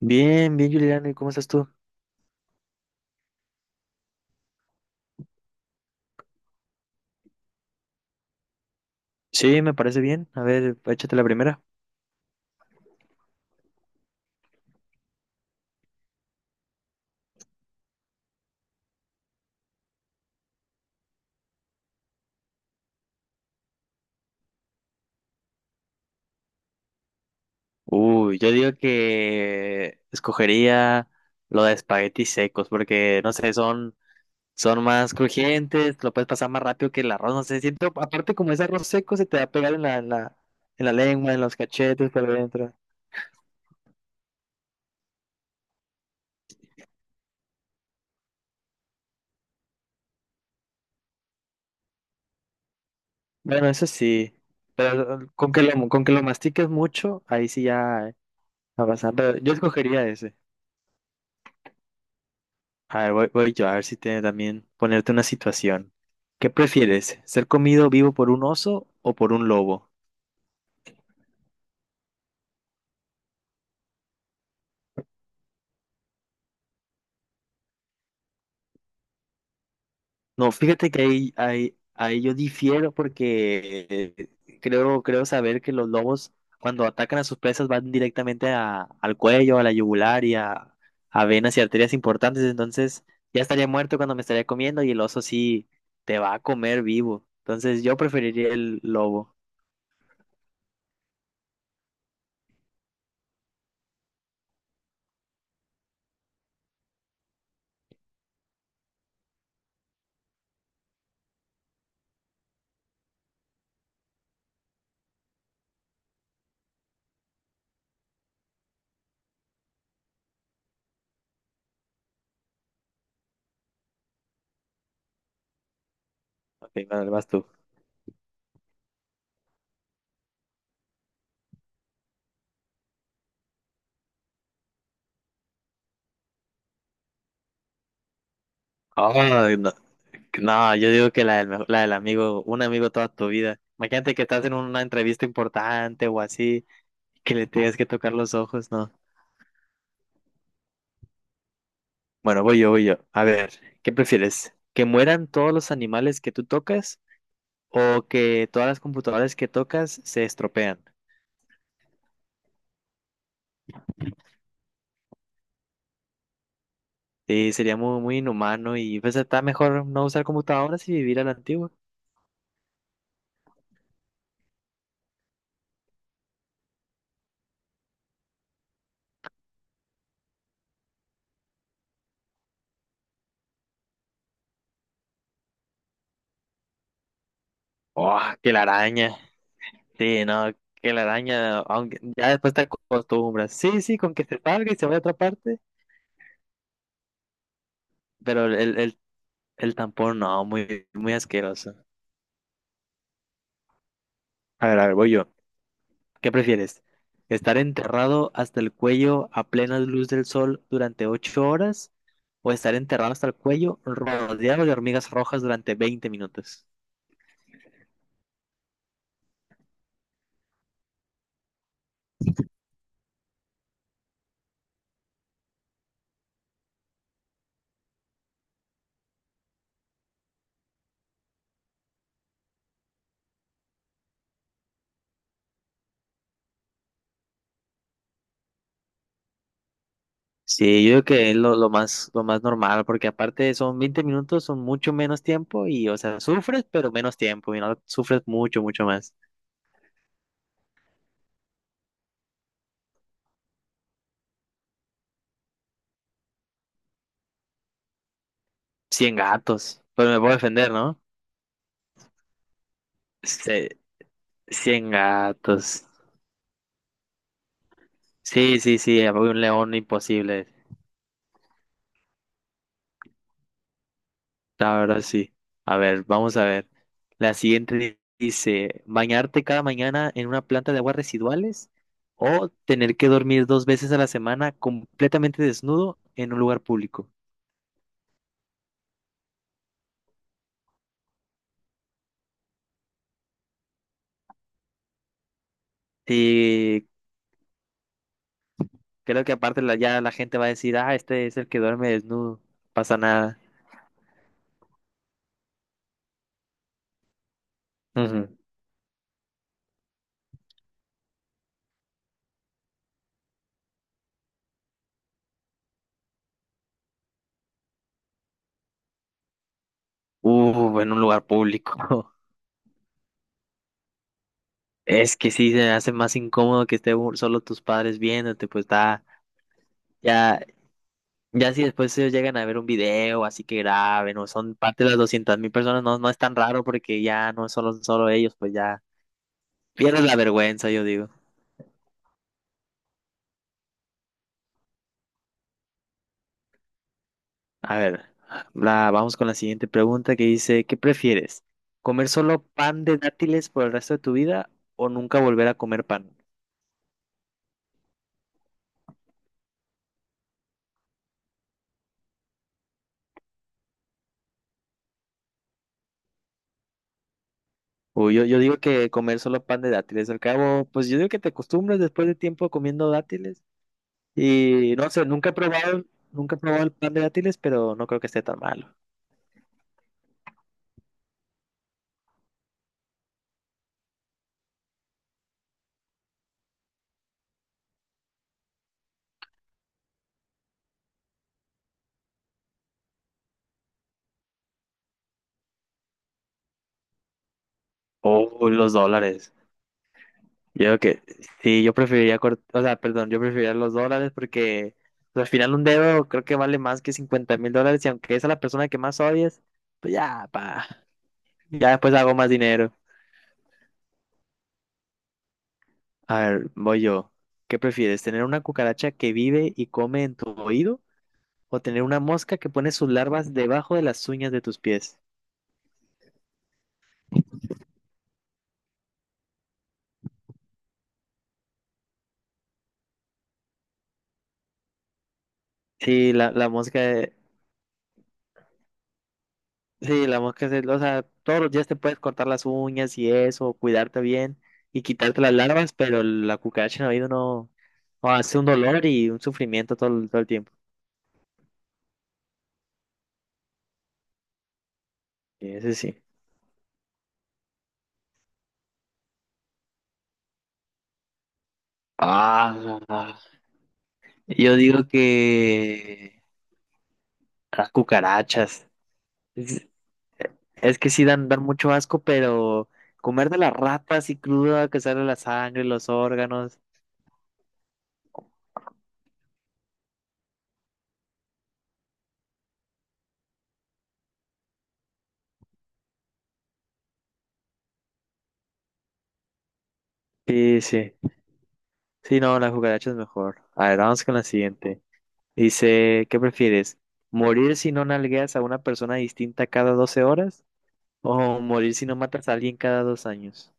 Bien, bien, Juliana, ¿y cómo estás tú? Sí, me parece bien. A ver, échate la primera. Uy, yo digo que escogería lo de espaguetis secos, porque no sé, son más crujientes, lo puedes pasar más rápido que el arroz, no sé, siento, aparte como es arroz seco, se te va a pegar en la lengua, en los cachetes, por dentro. Bueno, eso sí, pero con que lo mastiques mucho, ahí sí ya va a pasar. Pero yo escogería ese. A ver, voy yo a ver si te también ponerte una situación. ¿Qué prefieres? ¿Ser comido vivo por un oso o por un lobo? No, fíjate que ahí yo difiero porque creo saber que los lobos cuando atacan a sus presas van directamente al cuello, a la yugular y a venas y arterias importantes. Entonces ya estaría muerto cuando me estaría comiendo y el oso sí te va a comer vivo. Entonces yo preferiría el lobo. Ok, vale, vas tú. Ah, no. No, yo digo que la del amigo, un amigo toda tu vida. Imagínate que estás en una entrevista importante o así, que le tengas que tocar los ojos, ¿no? Bueno, voy yo, voy yo. A ver, ¿qué prefieres? ¿Que mueran todos los animales que tú tocas o que todas las computadoras que tocas se estropean? Sí, sería muy, muy inhumano y pues está mejor no usar computadoras y vivir a la antigua. Oh, que la araña. Sí, no, que la araña, aunque ya después te acostumbras. Sí, sí, con que se salga y se vaya a otra parte. Pero el tampón, no, muy, muy asqueroso. A ver, voy yo. ¿Qué prefieres? ¿Estar enterrado hasta el cuello a plena luz del sol durante 8 horas? ¿O estar enterrado hasta el cuello rodeado de hormigas rojas durante 20 minutos? Sí, yo creo que es lo más normal, porque aparte son 20 minutos, son mucho menos tiempo y, o sea, sufres, pero menos tiempo y no sufres mucho, mucho más. 100 gatos, pero me puedo defender, ¿no? Sí, 100 gatos. Sí, sí, sí, había un león imposible. La verdad, sí. A ver, vamos a ver. La siguiente dice, ¿bañarte cada mañana en una planta de aguas residuales o tener que dormir 2 veces a la semana completamente desnudo en un lugar público? Y creo que aparte ya la gente va a decir, ah, este es el que duerme desnudo, no pasa nada. Ujú. En un lugar público. Es que sí, se hace más incómodo que esté solo tus padres viéndote, pues está... Ya, ya si después ellos llegan a ver un video, así que graben, o son parte de las 200.000 personas, no, no es tan raro porque ya no son solo ellos, pues ya pierdes la vergüenza, yo digo. A ver, vamos con la siguiente pregunta que dice, ¿qué prefieres? ¿Comer solo pan de dátiles por el resto de tu vida o nunca volver a comer pan? Uy, yo digo que comer solo pan de dátiles, al cabo, pues yo digo que te acostumbras después de tiempo comiendo dátiles y no sé, nunca he probado el pan de dátiles, pero no creo que esté tan malo. Oh, los dólares. Yo creo que sí, o sea, perdón, yo preferiría los dólares porque pues, al final un dedo creo que vale más que $50.000 y aunque es a la persona que más odies, pues ya, pa, ya después hago más dinero. A ver, voy yo. ¿Qué prefieres? ¿Tener una cucaracha que vive y come en tu oído o tener una mosca que pone sus larvas debajo de las uñas de tus pies? Sí, la mosca. Sí, la mosca es, o sea, todos los días te puedes cortar las uñas y eso, cuidarte bien y quitarte las larvas, pero la cucaracha en el oído no, no, hace un dolor y un sufrimiento todo, todo el tiempo. Ese sí. Ah, yo digo que las cucarachas. Es, es que sí dan mucho asco, pero comer de las ratas y cruda, que sale la sangre, los órganos. Sí, sí. Sí, no, las cucarachas es mejor. A ver, vamos con la siguiente. Dice, ¿qué prefieres? ¿Morir si no nalgueas a una persona distinta cada 12 horas? ¿O morir si no matas a alguien cada 2 años?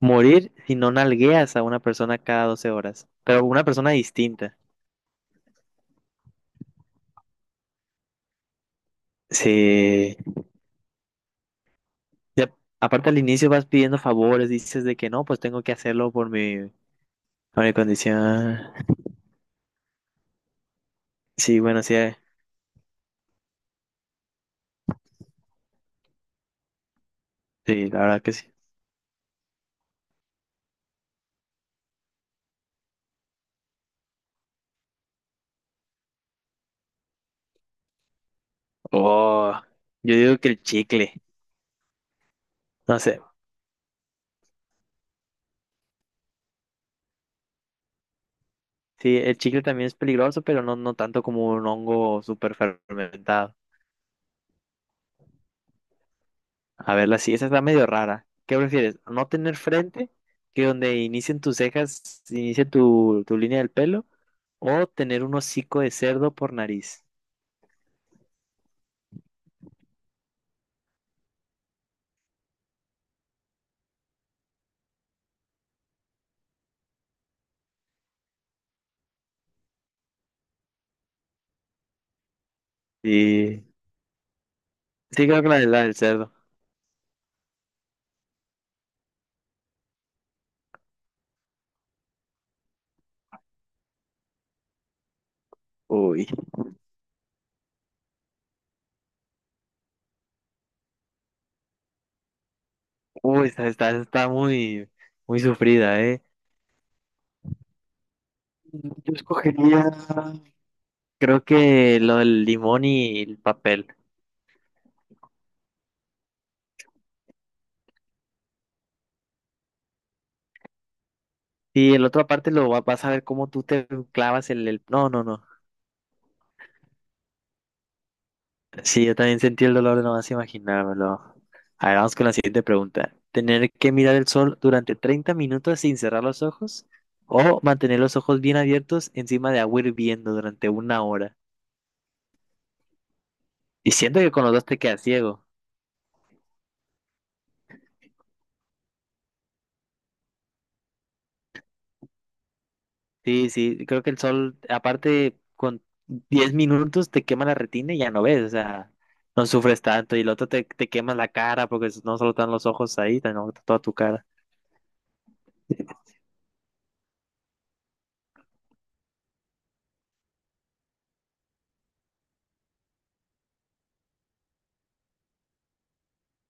Morir si no nalgueas a una persona cada 12 horas, pero una persona distinta. Sí. Y aparte al inicio vas pidiendo favores, dices de que no, pues tengo que hacerlo por mi condición. Sí, bueno, sí, sí, la verdad que sí. Oh, yo digo que el chicle. No sé, sí, el chicle también es peligroso, pero no, no tanto como un hongo súper fermentado. A verla, sí, esa está medio rara. ¿Qué prefieres? ¿No tener frente, que donde inicien tus cejas, inicie tu línea del pelo? ¿O tener un hocico de cerdo por nariz? Sí, sí creo que la del cerdo. Uy, uy, está muy, muy sufrida, ¿eh? Yo escogería, creo que lo del limón y el papel. Y el otro aparte vas a ver cómo tú te clavas. No, no, no. Sí, yo también sentí el dolor de nomás imaginármelo. A ver, vamos con la siguiente pregunta. ¿Tener que mirar el sol durante 30 minutos sin cerrar los ojos o mantener los ojos bien abiertos encima de agua hirviendo durante una hora? Y siento que con los dos te quedas ciego. Sí, sí, creo que el sol, aparte, con 10 minutos te quema la retina y ya no ves, o sea, no sufres tanto. Y el otro te quema la cara porque no solo están los ojos ahí, también toda tu cara.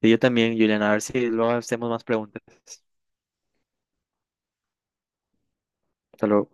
Y yo también, Juliana, a ver si luego hacemos más preguntas. Hasta luego.